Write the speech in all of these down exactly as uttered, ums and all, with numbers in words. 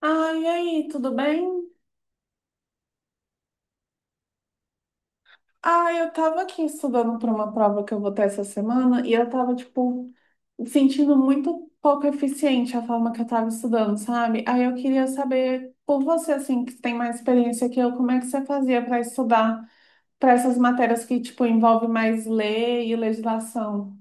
Ah, e aí, tudo bem? Ah, eu tava aqui estudando para uma prova que eu vou ter essa semana e eu tava, tipo, sentindo muito pouco eficiente a forma que eu tava estudando, sabe? Aí eu queria saber, por você, assim, que tem mais experiência que eu, como é que você fazia para estudar para essas matérias que, tipo, envolve mais lei e legislação?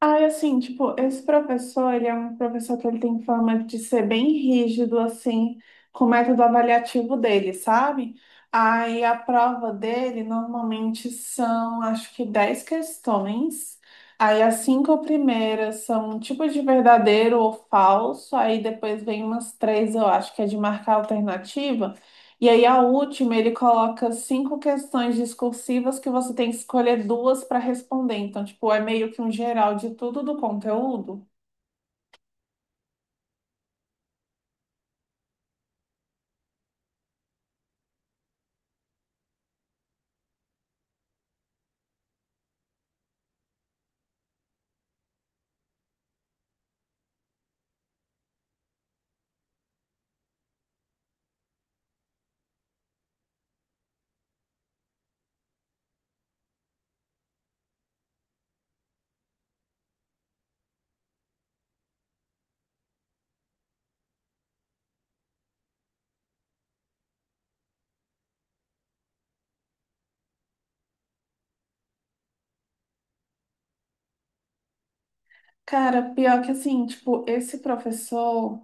Ai, assim, tipo, esse professor, ele é um professor que ele tem fama de ser bem rígido, assim, com o método avaliativo dele, sabe? Aí a prova dele normalmente são, acho que dez questões. Aí as cinco primeiras são um tipo de verdadeiro ou falso. Aí depois vem umas três, eu acho que é de marcar alternativa. E aí, a última, ele coloca cinco questões discursivas que você tem que escolher duas para responder. Então, tipo, é meio que um geral de tudo do conteúdo. Cara, pior que assim, tipo, esse professor,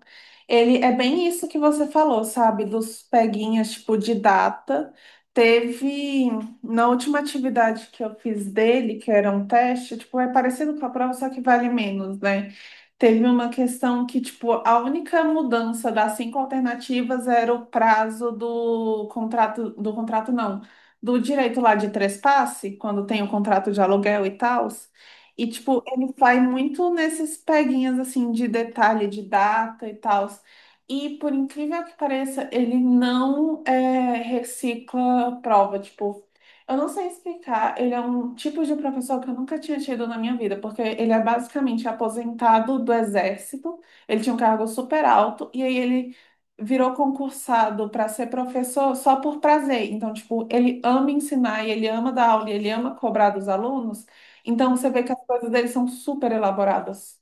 ele é bem isso que você falou, sabe? Dos peguinhas, tipo, de data. Teve, na última atividade que eu fiz dele, que era um teste, tipo, é parecido com a prova, só que vale menos, né? Teve uma questão que, tipo, a única mudança das cinco alternativas era o prazo do contrato, do contrato não, do direito lá de trespasse, quando tem o contrato de aluguel e tal. E, tipo, ele vai muito nesses peguinhas, assim, de detalhe, de data e tal. E, por incrível que pareça, ele não é, recicla prova. Tipo, eu não sei explicar. Ele é um tipo de professor que eu nunca tinha tido na minha vida, porque ele é basicamente aposentado do exército. Ele tinha um cargo super alto. E aí ele virou concursado para ser professor só por prazer. Então, tipo, ele ama ensinar e ele ama dar aula e ele ama cobrar dos alunos. Então você vê que as coisas deles são super elaboradas.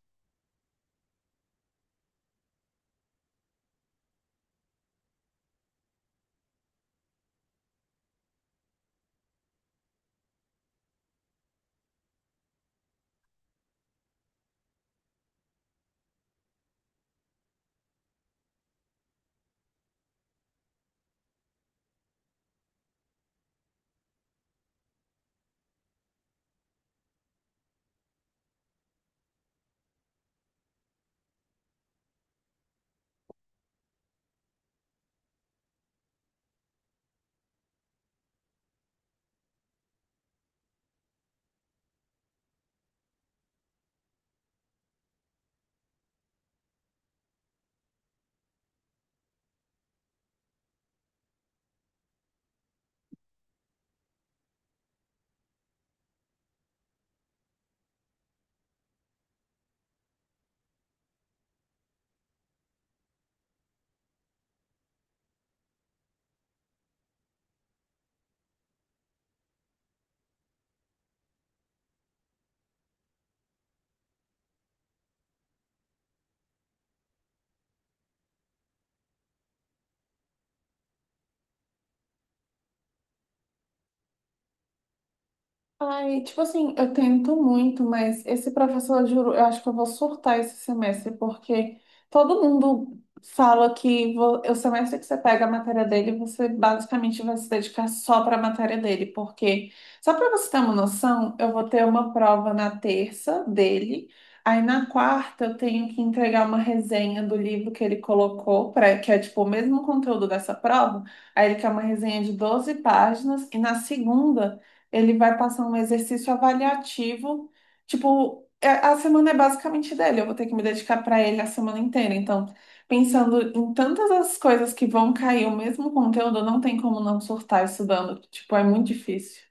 Ai, tipo assim, eu tento muito, mas esse professor, eu juro, eu acho que eu vou surtar esse semestre, porque todo mundo fala que vo- o semestre que você pega a matéria dele, você basicamente vai se dedicar só para a matéria dele, porque, só para você ter uma noção, eu vou ter uma prova na terça dele, aí na quarta eu tenho que entregar uma resenha do livro que ele colocou, pra, que é tipo o mesmo conteúdo dessa prova, aí ele quer uma resenha de doze páginas, e na segunda. Ele vai passar um exercício avaliativo. Tipo, é- a semana é basicamente dele. Eu vou ter que me dedicar para ele a semana inteira. Então, pensando em tantas as coisas que vão cair o mesmo conteúdo, não tem como não surtar estudando. Tipo, é muito difícil.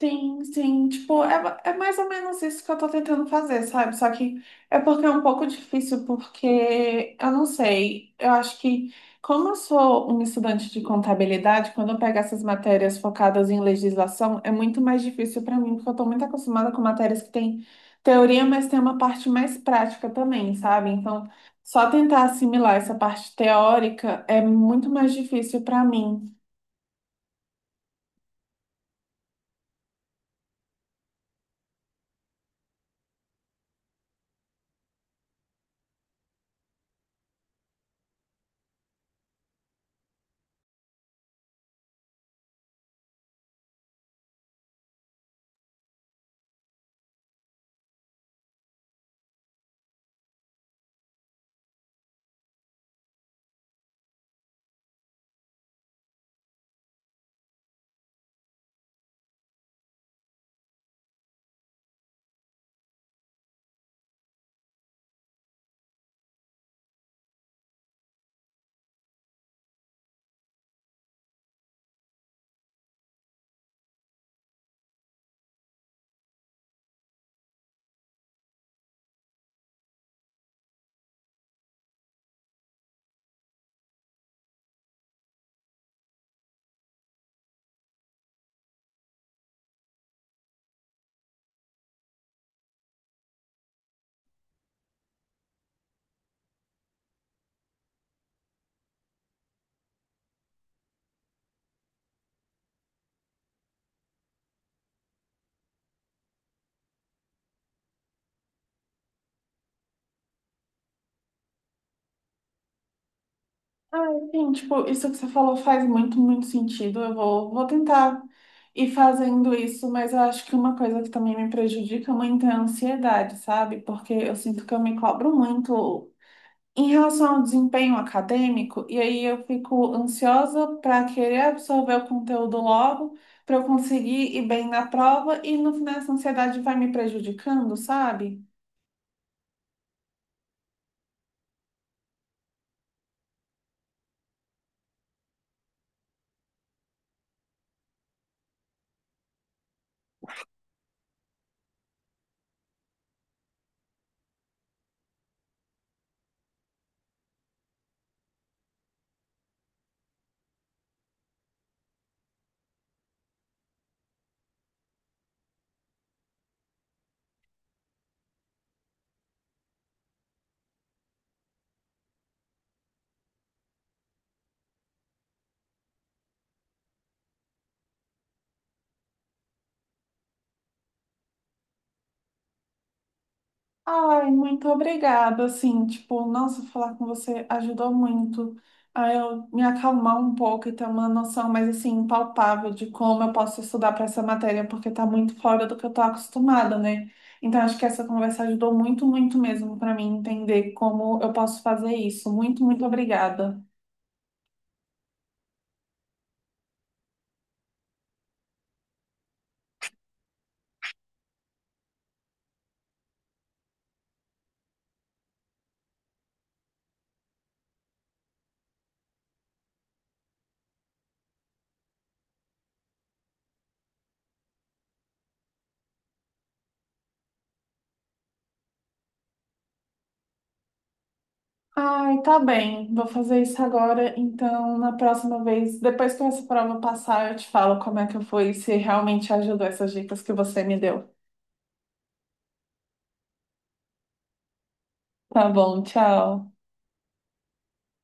Sim, sim, tipo, é, é mais ou menos isso que eu tô tentando fazer, sabe? Só que é porque é um pouco difícil, porque eu não sei, eu acho que como eu sou um estudante de contabilidade, quando eu pego essas matérias focadas em legislação, é muito mais difícil para mim, porque eu tô muito acostumada com matérias que tem teoria, mas tem uma parte mais prática também, sabe? Então, só tentar assimilar essa parte teórica é muito mais difícil para mim. Ah, sim, tipo, isso que você falou faz muito, muito sentido. Eu vou, vou tentar ir fazendo isso, mas eu acho que uma coisa que também me prejudica muito é a ansiedade, sabe? Porque eu sinto que eu me cobro muito em relação ao desempenho acadêmico, e aí eu fico ansiosa para querer absorver o conteúdo logo, para eu conseguir ir bem na prova, e no final essa ansiedade vai me prejudicando, sabe? Ai, muito obrigada, assim, tipo, nossa, falar com você ajudou muito a eu me acalmar um pouco e ter uma noção mais, assim, palpável de como eu posso estudar para essa matéria, porque tá muito fora do que eu tô acostumada, né? Então, acho que essa conversa ajudou muito, muito mesmo para mim entender como eu posso fazer isso. Muito, muito obrigada. Ai, tá bem, vou fazer isso agora, então, na próxima vez, depois que essa prova passar, eu te falo como é que foi, e se realmente ajudou essas dicas que você me deu. Tá bom, tchau.